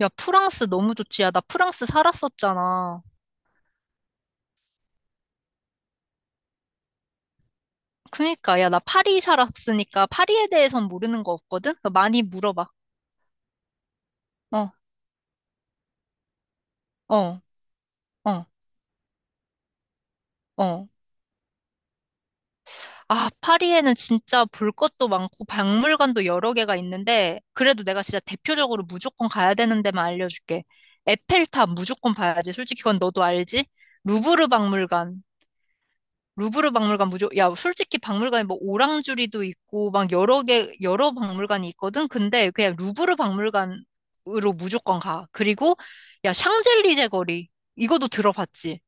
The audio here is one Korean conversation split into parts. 야, 프랑스 너무 좋지. 야, 나 프랑스 살았었잖아. 그니까, 야, 나 파리 살았으니까 파리에 대해선 모르는 거 없거든? 그러니까 많이 물어봐. 어, 어, 어, 어. 아, 파리에는 진짜 볼 것도 많고 박물관도 여러 개가 있는데, 그래도 내가 진짜 대표적으로 무조건 가야 되는 데만 알려줄게. 에펠탑 무조건 봐야지. 솔직히 그건 너도 알지? 루브르 박물관, 루브르 박물관 야, 솔직히 박물관에 뭐 오랑주리도 있고, 막 여러 개, 여러 박물관이 있거든? 근데 그냥 루브르 박물관으로 무조건 가. 그리고, 야, 샹젤리제 거리. 이것도 들어봤지?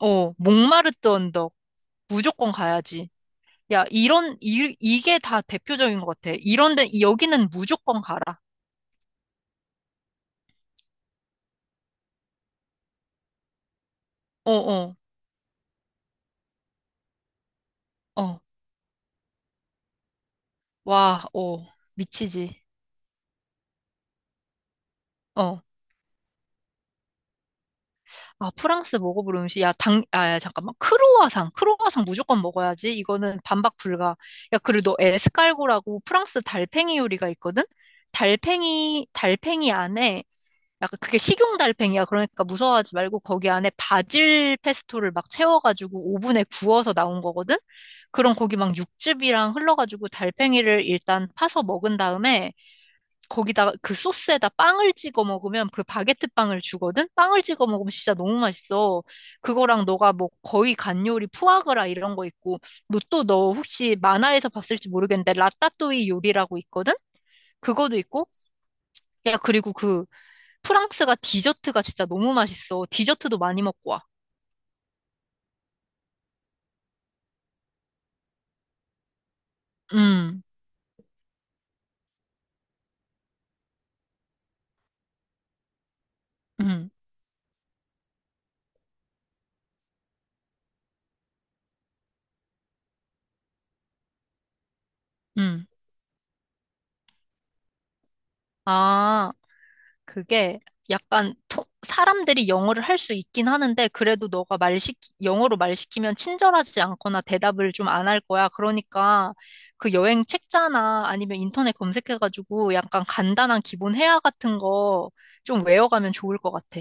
어, 몽마르트 언덕. 무조건 가야지. 야, 이런, 이, 이게 다 대표적인 것 같아. 이런 데, 여기는 무조건 가라. 어, 어, 어. 와, 어. 미치지. 어. 아, 프랑스 먹어볼 음식. 야, 야, 잠깐만. 크로와상. 크로와상 무조건 먹어야지. 이거는 반박 불가. 야, 그리고 너 에스칼고라고 프랑스 달팽이 요리가 있거든? 달팽이 안에, 약간 그게 식용 달팽이야. 그러니까 무서워하지 말고 거기 안에 바질 페스토를 막 채워가지고 오븐에 구워서 나온 거거든? 그럼 거기 막 육즙이랑 흘러가지고 달팽이를 일단 파서 먹은 다음에 거기다가 그 소스에다 빵을 찍어 먹으면 그 바게트 빵을 주거든? 빵을 찍어 먹으면 진짜 너무 맛있어. 그거랑 너가 뭐 거의 간 요리 푸아그라 이런 거 있고, 너 혹시 만화에서 봤을지 모르겠는데 라따뚜이 요리라고 있거든? 그거도 있고, 야, 그리고 그 프랑스가 디저트가 진짜 너무 맛있어. 디저트도 많이 먹고 와. 음, 음, 음. 아. 그게 약간 사람들이 영어를 할 수 있긴 하는데 그래도 너가 영어로 말 시키면 친절하지 않거나 대답을 좀 안 할 거야. 그러니까 그 여행 책자나 아니면 인터넷 검색해가지고 약간 간단한 기본 회화 같은 거 좀 외워가면 좋을 것 같아.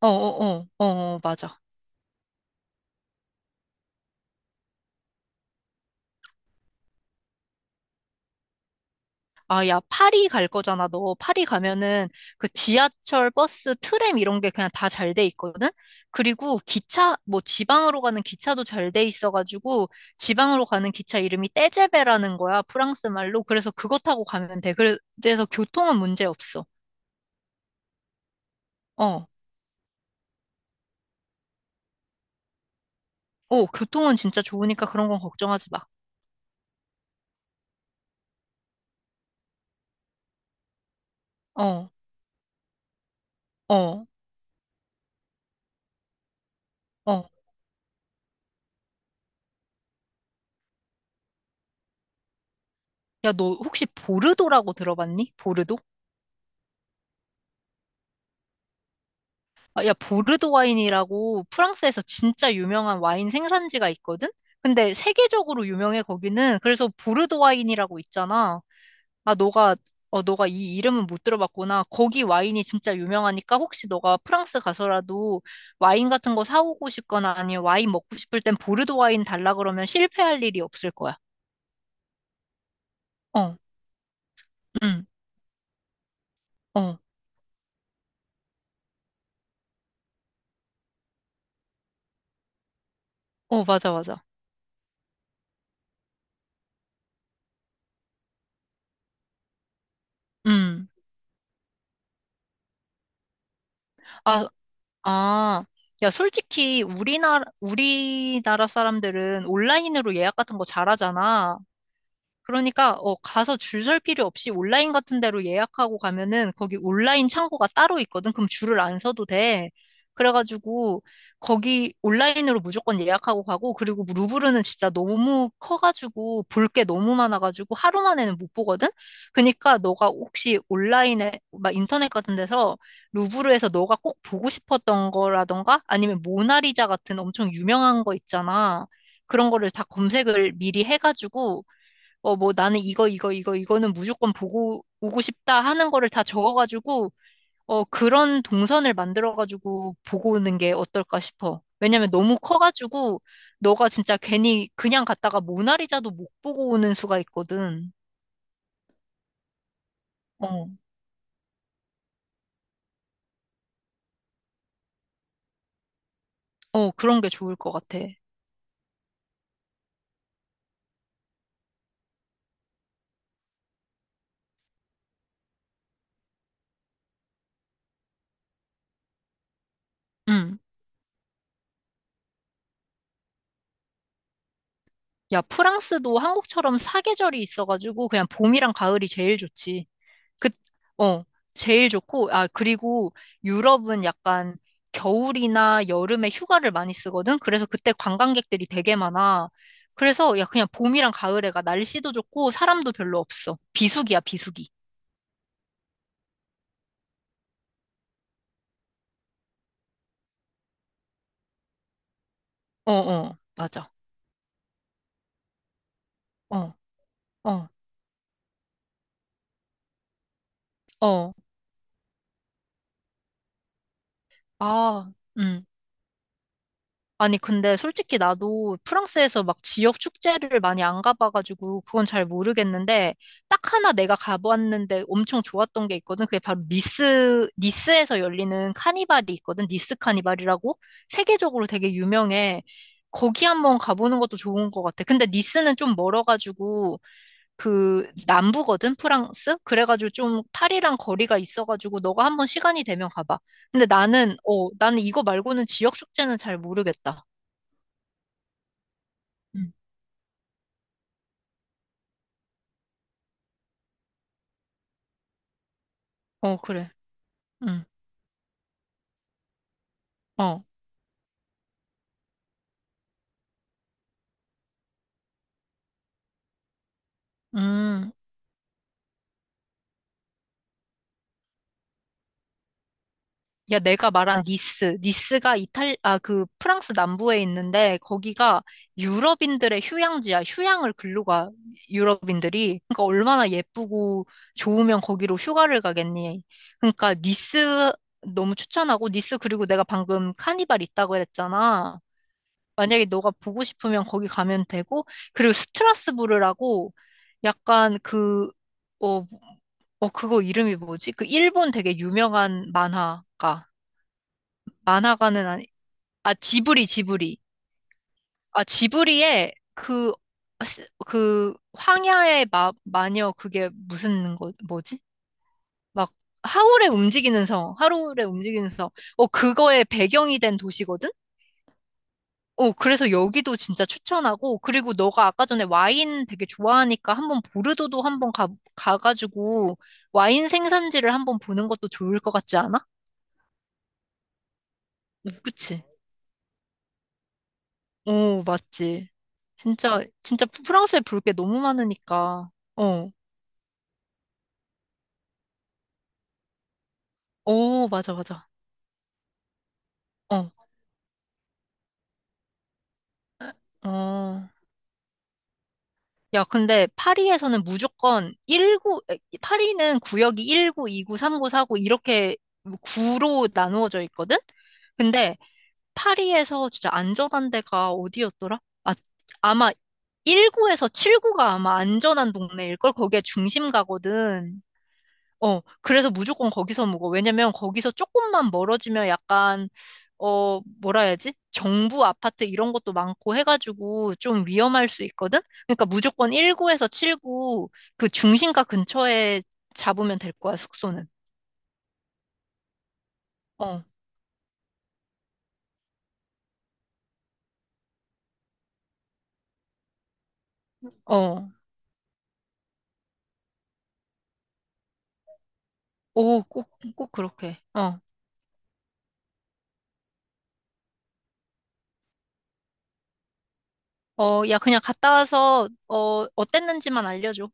어어어 어, 어, 어, 어, 맞아. 아, 야, 파리 갈 거잖아, 너. 파리 가면은 그 지하철, 버스, 트램 이런 게 그냥 다 잘 돼 있거든? 그리고 기차, 뭐 지방으로 가는 기차도 잘 돼 있어가지고 지방으로 가는 기차 이름이 떼제베라는 거야, 프랑스 말로. 그래서 그거 타고 가면 돼. 그래서 교통은 문제 없어. 어. 어, 교통은 진짜 좋으니까 그런 건 걱정하지 마. 어, 어, 어. 야, 너 혹시 보르도라고 들어봤니? 보르도? 아, 야, 보르도 와인이라고 프랑스에서 진짜 유명한 와인 생산지가 있거든? 근데 세계적으로 유명해, 거기는. 그래서 보르도 와인이라고 있잖아. 아, 너가 이 이름은 못 들어봤구나. 거기 와인이 진짜 유명하니까 혹시 너가 프랑스 가서라도 와인 같은 거 사오고 싶거나 아니면 와인 먹고 싶을 땐 보르도 와인 달라 그러면 실패할 일이 없을 거야. 어, 응, 어, 어, 맞아, 맞아. 음. 아, 아, 야, 솔직히 우리나라 사람들은 온라인으로 예약 같은 거 잘하잖아. 그러니까 어, 가서 줄 설 필요 없이 온라인 같은 데로 예약하고 가면은 거기 온라인 창구가 따로 있거든. 그럼 줄을 안 서도 돼. 그래가지고 거기 온라인으로 무조건 예약하고 가고 그리고 루브르는 진짜 너무 커가지고 볼 게 너무 많아가지고 하루 만에는 못 보거든. 그러니까 너가 혹시 온라인에 막 인터넷 같은 데서 루브르에서 너가 꼭 보고 싶었던 거라던가 아니면 모나리자 같은 엄청 유명한 거 있잖아. 그런 거를 다 검색을 미리 해가지고 어, 뭐 나는 이거, 이거, 이거, 이거는 무조건 보고 오고 싶다 하는 거를 다 적어가지고, 어, 그런 동선을 만들어가지고 보고 오는 게 어떨까 싶어. 왜냐면 너무 커가지고, 너가 진짜 괜히 그냥 갔다가 모나리자도 못 보고 오는 수가 있거든. 어, 어, 그런 게 좋을 것 같아. 음 야, 프랑스도 한국처럼 사계절이 있어가지고, 그냥 봄이랑 가을이 제일 좋지. 그, 어, 제일 좋고, 아, 그리고 유럽은 약간 겨울이나 여름에 휴가를 많이 쓰거든? 그래서 그때 관광객들이 되게 많아. 그래서 야, 그냥 봄이랑 가을에 가. 날씨도 좋고, 사람도 별로 없어. 비수기야, 비수기. 어, 어, 맞아. 어, 어, 어. 아, 음. 아니, 근데 솔직히 나도 프랑스에서 막 지역 축제를 많이 안 가봐가지고 그건 잘 모르겠는데 딱 하나 내가 가봤는데 엄청 좋았던 게 있거든. 그게 바로 니스에서 열리는 카니발이 있거든. 니스 카니발이라고 세계적으로 되게 유명해. 거기 한번 가보는 것도 좋은 것 같아. 근데 니스는 좀 멀어가지고 그 남부거든, 프랑스? 그래가지고 좀 파리랑 거리가 있어가지고 너가 한번 시간이 되면 가봐. 근데 나는 이거 말고는 지역 축제는 잘 모르겠다. 음. 어, 그래. 응. 어. 음. 야, 내가 말한 니스. 니스가 아, 그 프랑스 남부에 있는데 거기가 유럽인들의 휴양지야. 휴양을 글로 가. 유럽인들이. 그러니까 얼마나 예쁘고 좋으면 거기로 휴가를 가겠니. 그러니까 니스 너무 추천하고 니스 그리고 내가 방금 카니발 있다고 그랬잖아. 만약에 너가 보고 싶으면 거기 가면 되고, 그리고 스트라스부르라고 약간 그, 어, 어, 그거 이름이 뭐지? 그 일본 되게 유명한 만화가. 만화가는 아니, 아, 지브리, 지브리. 아, 지브리의 그, 황야의 마녀, 그게 무슨 거, 뭐지? 막, 하울의 움직이는 성, 하울의 움직이는 성. 어, 그거의 배경이 된 도시거든? 어, 그래서 여기도 진짜 추천하고, 그리고 너가 아까 전에 와인 되게 좋아하니까 한 번 보르도도 한 번 가가지고 와인 생산지를 한번 보는 것도 좋을 것 같지 않아? 오, 그치? 오, 맞지. 진짜, 진짜 프랑스에 볼 게 너무 많으니까. 어, 오, 맞아, 맞아. 어, 어. 야, 근데 파리에서는 무조건 1구 에, 파리는 구역이 19, 29, 39, 4구 이렇게 구로 나누어져 있거든? 근데 파리에서 진짜 안전한 데가 어디였더라? 아, 아마 1구에서 7구가 아마 안전한 동네일걸? 거기에 중심 가거든. 어, 그래서 무조건 거기서 묵어. 왜냐면 거기서 조금만 멀어지면 약간, 어, 뭐라 해야지? 정부 아파트 이런 것도 많고 해가지고 좀 위험할 수 있거든? 그러니까 무조건 1구에서 7구 그 중심가 근처에 잡으면 될 거야, 숙소는. 어, 어. 오, 꼭, 꼭 그렇게. 어. 어, 야, 그냥 갔다 와서, 어, 어땠는지만 알려줘.